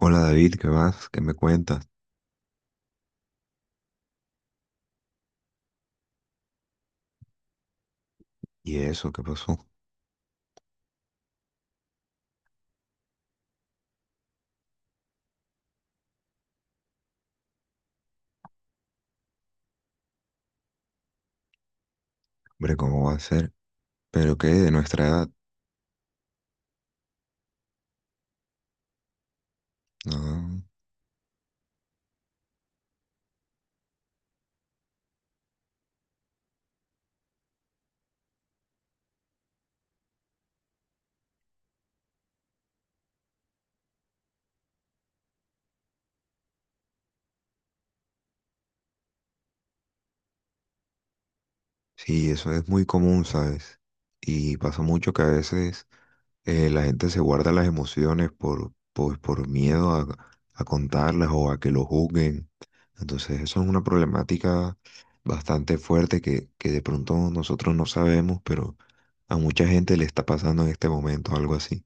Hola David, ¿qué vas? ¿Qué me cuentas? ¿Y eso qué pasó? Hombre, ¿cómo va a ser? ¿Pero qué? ¿De nuestra edad? No. Sí, eso es muy común, ¿sabes? Y pasa mucho que a veces la gente se guarda las emociones pues, por miedo a contarlas o a que lo juzguen. Entonces, eso es una problemática bastante fuerte que de pronto nosotros no sabemos, pero a mucha gente le está pasando en este momento algo así.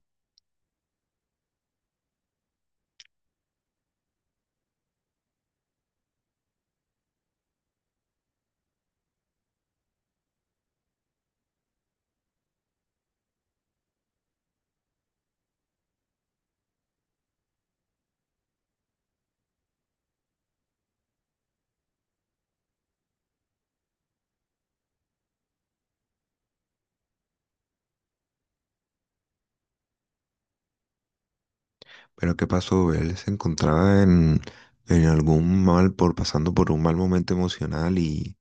Pero ¿qué pasó? Él se en algún mal, por pasando por un mal momento emocional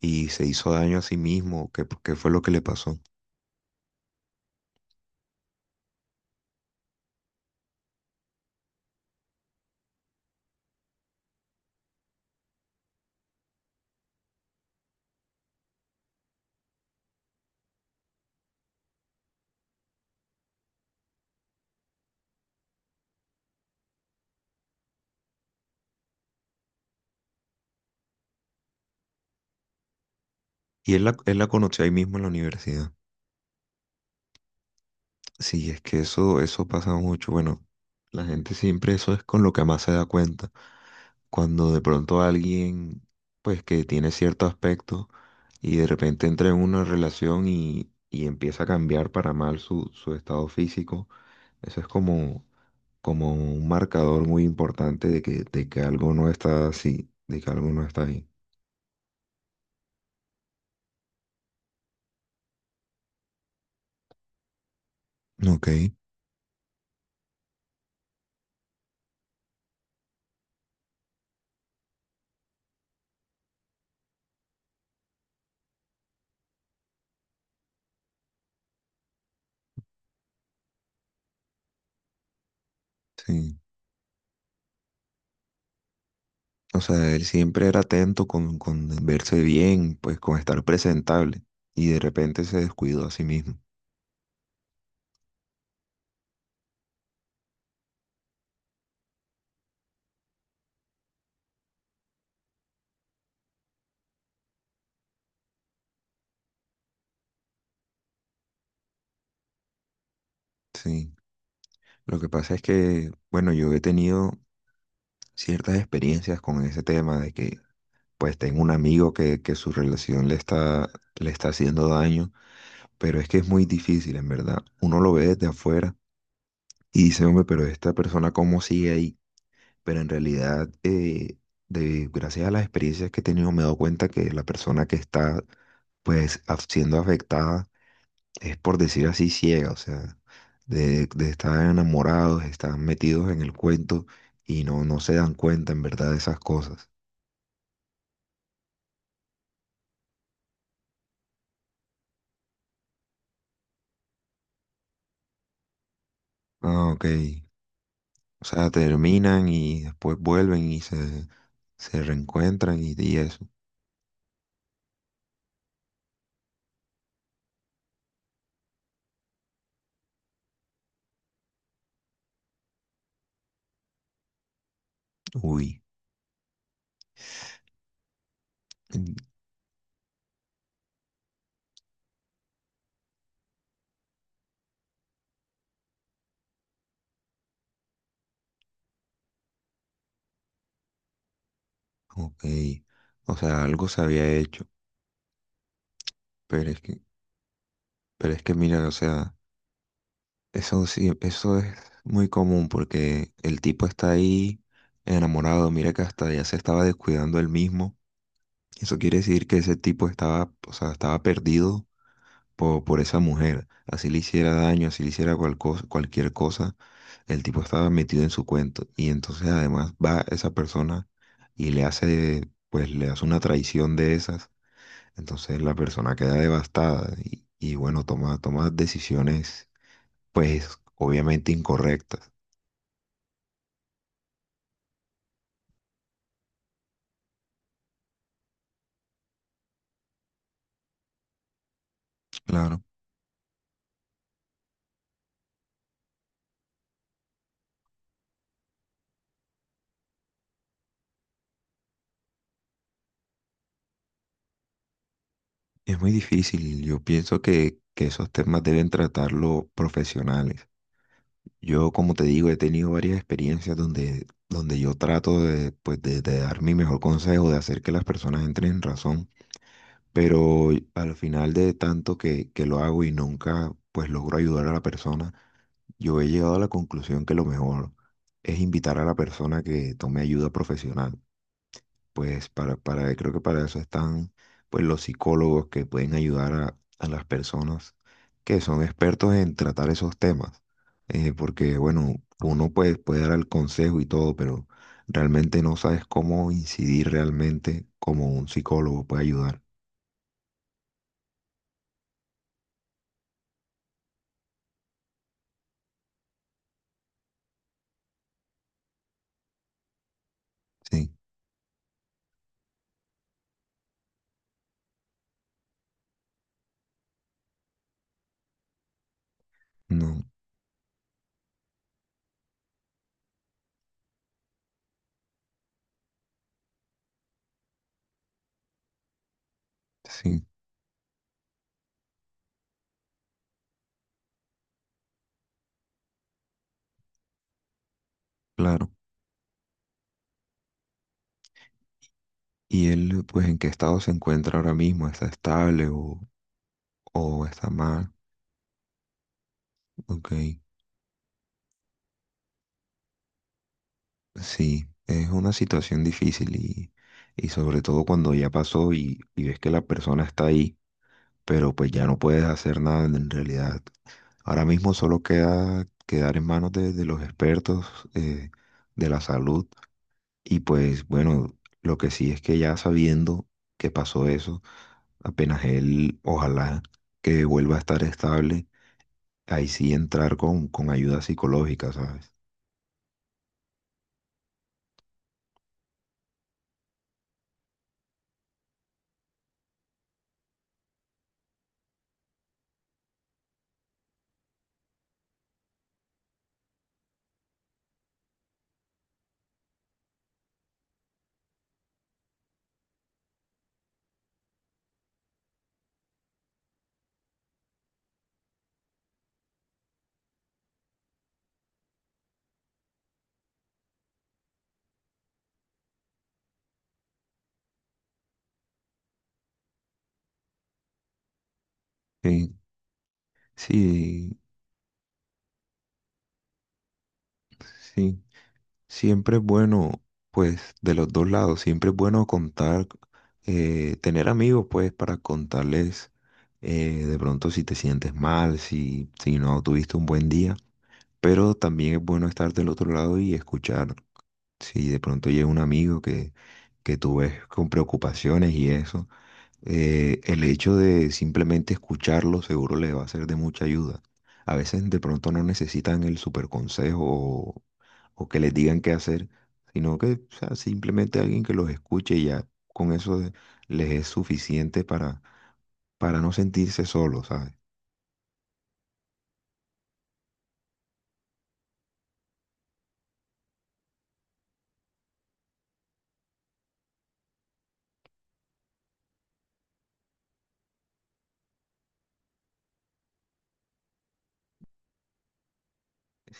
y se hizo daño a sí mismo. ¿ qué fue lo que le pasó? Y él la conoció ahí mismo en la universidad. Sí, es que eso pasa mucho. Bueno, la gente siempre eso es con lo que más se da cuenta. Cuando de pronto alguien, pues que tiene cierto aspecto y de repente entra en una relación y empieza a cambiar para mal su estado físico, eso es como un marcador muy importante de que algo no está así, de que algo no está bien. Ok, sí. O sea, él siempre era atento con verse bien, pues con estar presentable. Y de repente se descuidó a sí mismo. Sí. Lo que pasa es que, bueno, yo he tenido ciertas experiencias con ese tema de que, pues, tengo un amigo que su relación le está haciendo daño, pero es que es muy difícil, en verdad. Uno lo ve desde afuera y dice, hombre, pero esta persona, ¿cómo sigue ahí? Pero en realidad, gracias a las experiencias que he tenido, me he dado cuenta que la persona que está siendo afectada es por decir así ciega, o sea, de estar enamorados, están metidos en el cuento y no se dan cuenta en verdad de esas cosas. Ah, ok. O sea, terminan y después vuelven se reencuentran y eso. Uy, mm, ok. O sea, algo se había hecho, pero es que, pero es que mira, o sea, eso sí, eso es muy común porque el tipo está ahí enamorado, mira que hasta ya se estaba descuidando él mismo. Eso quiere decir que ese tipo estaba, o sea, estaba perdido por esa mujer. Así le hiciera daño, así le hiciera cualquier cosa, el tipo estaba metido en su cuento. Y entonces además va esa persona y le hace, pues le hace una traición de esas. Entonces la persona queda devastada y bueno, toma decisiones pues obviamente incorrectas. Claro, es muy difícil. Yo pienso que esos temas deben tratarlo profesionales. Yo, como te digo, he tenido varias experiencias donde yo trato de, pues, de dar mi mejor consejo, de hacer que las personas entren en razón, pero al final de tanto que lo hago y nunca pues logro ayudar a la persona, yo he llegado a la conclusión que lo mejor es invitar a la persona que tome ayuda profesional. Pues para, creo que para eso están pues los psicólogos que pueden ayudar a las personas que son expertos en tratar esos temas. Porque bueno, uno pues, puede dar el consejo y todo, pero realmente no sabes cómo incidir realmente como un psicólogo puede ayudar. Sí, no, sí, claro. ¿Y él pues en qué estado se encuentra ahora mismo? ¿Está estable o está mal? Ok. Sí, es una situación difícil y sobre todo cuando ya pasó y ves que la persona está ahí, pero pues ya no puedes hacer nada en realidad. Ahora mismo solo queda quedar en manos de los expertos eh, de la salud y pues bueno, lo que sí es que ya sabiendo que pasó eso, apenas él, ojalá que vuelva a estar estable, ahí sí entrar con ayuda psicológica, ¿sabes? Sí, sí, sí. Siempre es bueno, pues, de los dos lados, siempre es bueno contar, tener amigos, pues, para contarles de pronto si te sientes mal, si no tuviste un buen día, pero también es bueno estar del otro lado y escuchar si de pronto llega un amigo que tú ves con preocupaciones y eso el hecho de simplemente escucharlo seguro le va a ser de mucha ayuda. A veces de pronto no necesitan el super consejo o que les digan qué hacer, sino que o sea, simplemente alguien que los escuche y ya con eso de- les es suficiente para no sentirse solos, ¿sabes?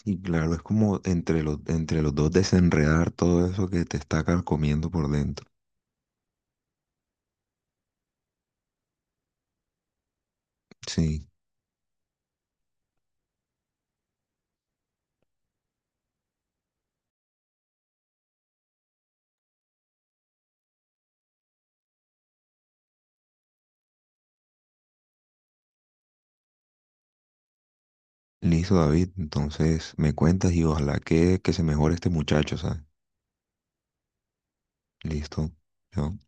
Y claro, es como entre entre los dos desenredar todo eso que te está carcomiendo por dentro. Sí, listo, David. Entonces me cuentas y ojalá que se mejore este muchacho, ¿sabes? Listo. Chao.